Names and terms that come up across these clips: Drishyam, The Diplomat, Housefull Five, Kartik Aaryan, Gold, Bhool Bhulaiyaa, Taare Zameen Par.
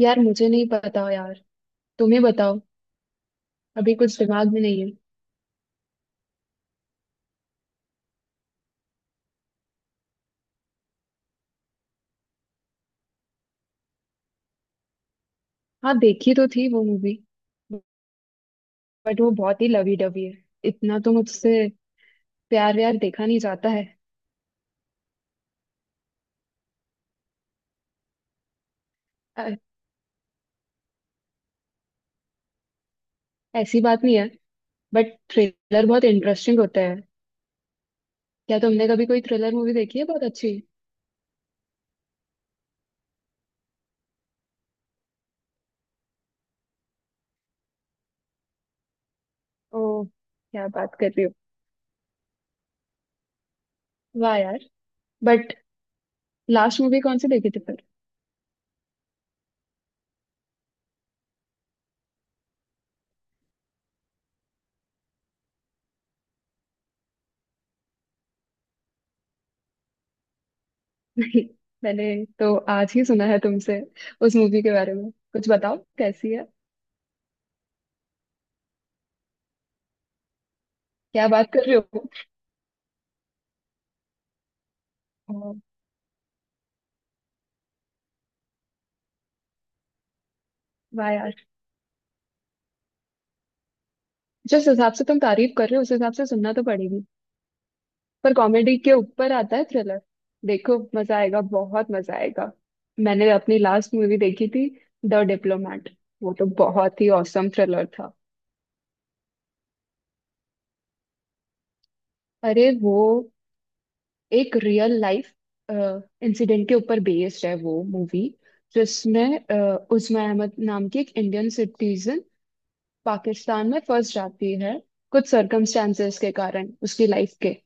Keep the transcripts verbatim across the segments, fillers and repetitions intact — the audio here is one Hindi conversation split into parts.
यार मुझे नहीं पता यार। तुम्हें बताओ। अभी कुछ दिमाग में नहीं है। हाँ देखी तो थी वो मूवी। बट वो बहुत ही लवी डवी है। इतना तो मुझसे प्यार व्यार देखा नहीं जाता है। अ, ऐसी बात नहीं है। बट थ्रिलर बहुत इंटरेस्टिंग होता है। क्या तुमने कभी कोई थ्रिलर मूवी देखी है बहुत अच्छी? ओ, क्या बात कर रही हो? वाह यार। बट लास्ट मूवी कौन सी देखी थी फिर? नहीं, मैंने तो आज ही सुना है तुमसे। उस मूवी के बारे में कुछ बताओ, कैसी है? क्या बात कर रहे हो? ओ, वाह यार। जिस हिसाब से तुम तारीफ कर रहे हो उस हिसाब से सुनना तो पड़ेगी। पर कॉमेडी के ऊपर आता है थ्रिलर। देखो मजा आएगा, बहुत मजा आएगा। मैंने अपनी लास्ट मूवी देखी थी, द डिप्लोमेट। वो तो बहुत ही औसम थ्रिलर था। अरे वो एक रियल लाइफ इंसिडेंट के ऊपर बेस्ड है वो मूवी। जिसमें अ, उस्मा अहमद नाम की एक इंडियन सिटीजन पाकिस्तान में फंस जाती है, कुछ सर्कमस्टांसेस के कारण उसकी लाइफ के।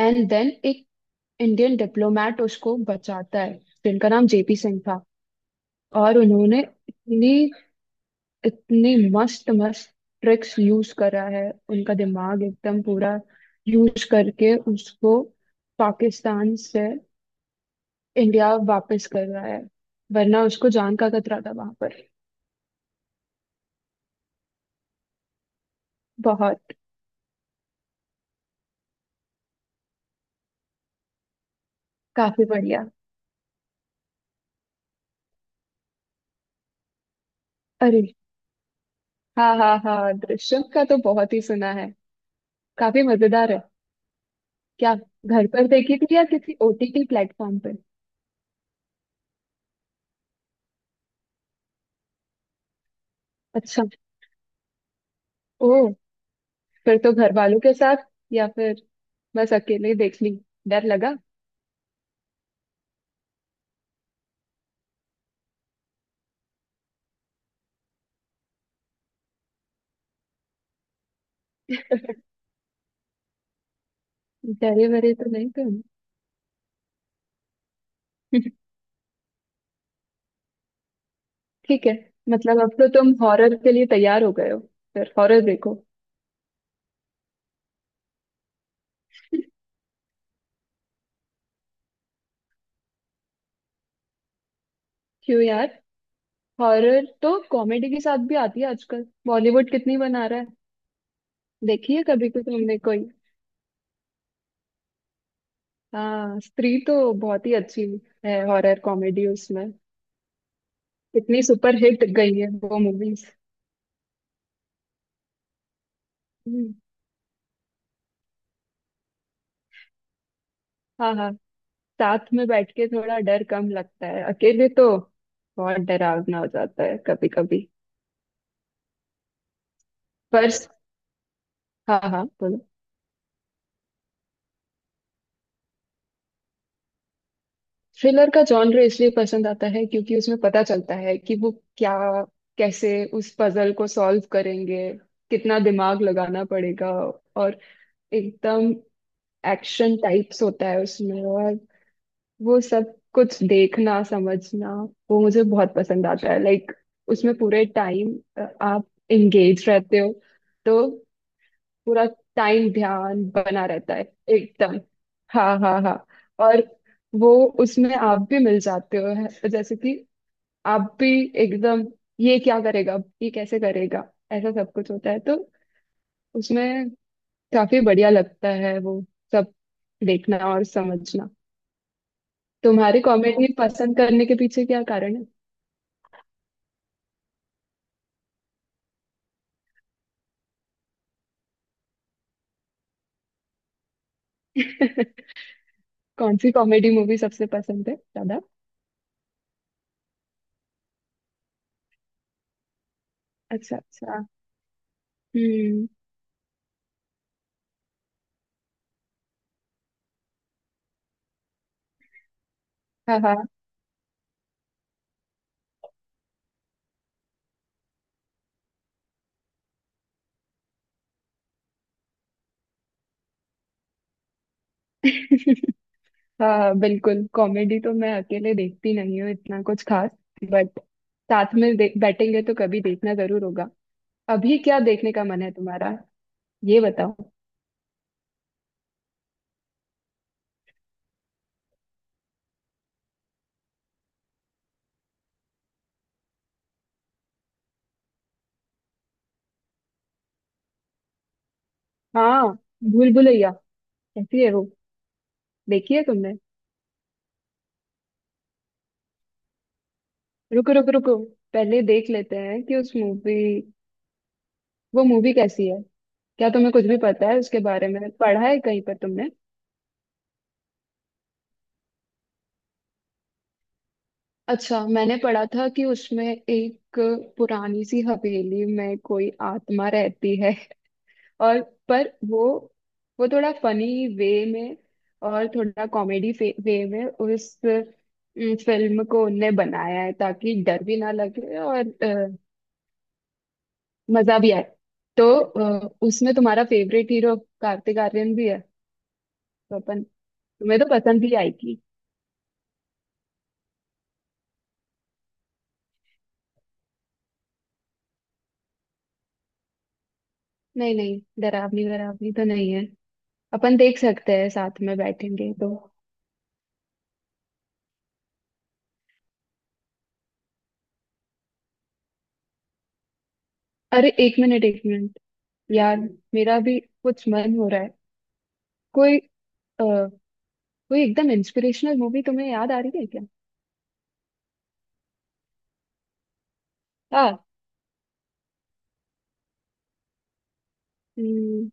एंड देन एक इंडियन डिप्लोमेट उसको बचाता है, जिनका नाम जेपी सिंह था। और उन्होंने इतनी इतनी मस्त मस्त ट्रिक्स यूज करा है। उनका दिमाग एकदम पूरा यूज करके उसको पाकिस्तान से इंडिया वापस कर रहा है। वरना उसको जान का खतरा था वहां पर। बहुत। काफी बढ़िया। अरे हाँ हाँ हाँ, दृश्यम का तो बहुत ही सुना है। काफी मजेदार है। क्या घर पर देखी थी या किसी ओटीटी प्लेटफॉर्म पर? अच्छा। ओ। फिर तो घर वालों के साथ या फिर बस अकेले देख ली? डर लगा? डरे वरे तो नहीं तुम? ठीक है। मतलब अब तो तुम हॉरर के लिए तैयार हो गए हो। फिर हॉरर देखो। क्यों यार, हॉरर तो कॉमेडी के साथ भी आती है आजकल, बॉलीवुड कितनी बना रहा है। देखी है कभी तो तुमने कोई? हाँ स्त्री तो बहुत ही अच्छी है, हॉरर कॉमेडी उसमें। कितनी सुपर हिट गई है वो मूवीज। हाँ हाँ, साथ में बैठ के थोड़ा डर कम लगता है, अकेले तो बहुत डरावना हो जाता है कभी कभी। पर हाँ हाँ बोलो। थ्रिलर का जॉनर इसलिए पसंद आता है क्योंकि उसमें पता चलता है कि वो क्या, कैसे उस पजल को सॉल्व करेंगे, कितना दिमाग लगाना पड़ेगा। और एकदम एक्शन टाइप्स होता है उसमें। और वो सब कुछ देखना समझना वो मुझे बहुत पसंद आता है। लाइक उसमें पूरे टाइम आप एंगेज रहते हो। तो पूरा टाइम ध्यान बना रहता है एकदम। हाँ हाँ हाँ। और वो उसमें आप भी मिल जाते हो, है- जैसे कि आप भी एकदम, ये क्या करेगा ये कैसे करेगा, ऐसा सब कुछ होता है तो उसमें काफी बढ़िया लगता है वो सब देखना और समझना। तुम्हारी कॉमेडी पसंद करने के पीछे क्या कारण है? कौन सी कॉमेडी मूवी सबसे पसंद है ज्यादा? अच्छा अच्छा। हम्म। हाँ हाँ। हाँ हाँ, बिल्कुल, कॉमेडी तो मैं अकेले देखती नहीं हूँ इतना कुछ खास। बट साथ में दे- बैठेंगे तो कभी देखना जरूर होगा। अभी क्या देखने का मन है तुम्हारा, ये बताओ। हाँ भूल भुलैया कैसी है वो? देखी है तुमने? रुको रुको रुको, पहले देख लेते हैं कि उस मूवी, वो मूवी कैसी है। क्या तुम्हें कुछ भी पता है उसके बारे में, पढ़ा है कहीं पर तुमने? अच्छा, मैंने पढ़ा था कि उसमें एक पुरानी सी हवेली में कोई आत्मा रहती है। और पर वो वो थोड़ा फनी वे में और थोड़ा कॉमेडी वे में उस फिल्म को उनने बनाया है ताकि डर भी ना लगे और अ, मजा भी आए। तो अ, उसमें तुम्हारा फेवरेट हीरो कार्तिक आर्यन भी है। तो अपन, तुम्हें तो पसंद भी आएगी। नहीं नहीं, डरावनी डरावनी तो नहीं है। अपन देख सकते हैं, साथ में बैठेंगे तो। अरे एक मिनट एक मिनट यार, मेरा भी कुछ मन हो रहा है। कोई कोई एकदम इंस्पिरेशनल मूवी तुम्हें याद आ रही है क्या? हाँ। हम्म,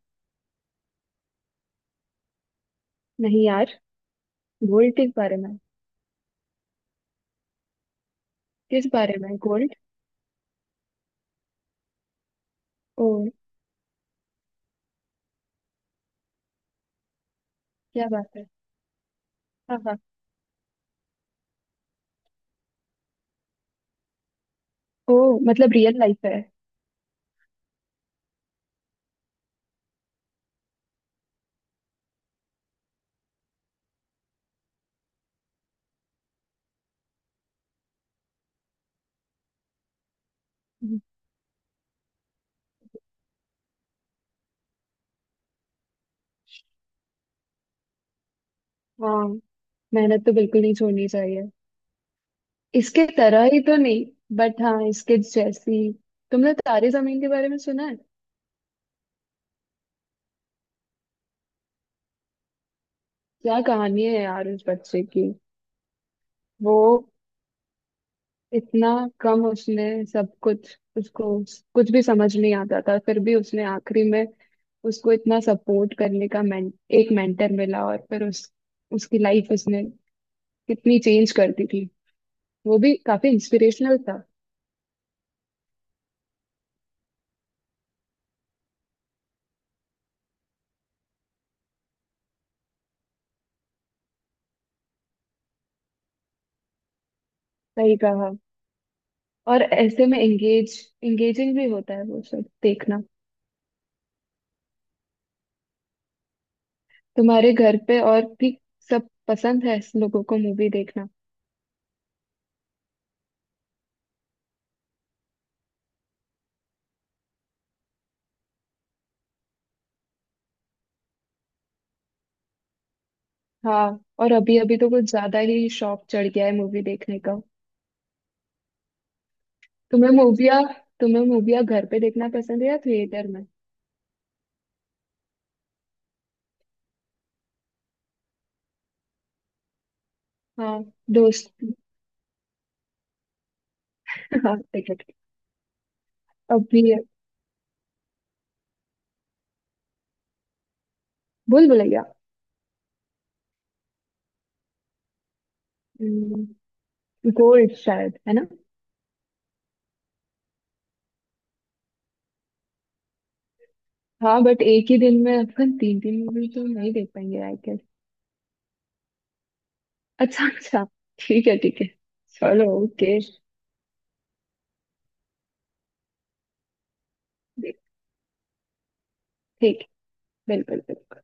नहीं यार। गोल्ड किस बारे में? किस बारे में गोल्ड? ओ क्या बात है। हाँ हाँ। ओ, मतलब रियल लाइफ है। हम्म, हाँ। मेहनत तो बिल्कुल नहीं छोड़नी चाहिए। इसके तरह ही तो नहीं, बट हाँ इसके जैसी। तुमने तारे जमीन के बारे में सुना है? क्या कहानी है यार उस बच्चे की। वो इतना कम उसने सब कुछ, उसको कुछ भी समझ नहीं आता था, फिर भी उसने आखिरी में, उसको इतना सपोर्ट करने का मेन, एक मेंटर मिला और फिर उस उसकी लाइफ उसने कितनी चेंज कर दी थी। वो भी काफी इंस्पिरेशनल था। सही कहा। और ऐसे में एंगेज, एंगेजिंग भी होता है वो सब देखना। तुम्हारे घर पे और भी सब पसंद है ऐसे लोगों को मूवी देखना? हाँ, और अभी अभी तो कुछ ज्यादा ही शौक चढ़ गया है मूवी देखने का। तुम्हें मूविया, तुम्हें मूविया घर पे देखना पसंद है या थिएटर में? हाँ दोस्त। हाँ टिकट अभी है। भूल भुलैया। हम्म। गोल्ड शायद है ना। हाँ बट एक ही दिन में अपन तीन तीन मूवी तो नहीं देख पाएंगे आई गेस। अच्छा अच्छा, ठीक है ठीक है। चलो ओके। ठीक। बिल्कुल बिल्कुल।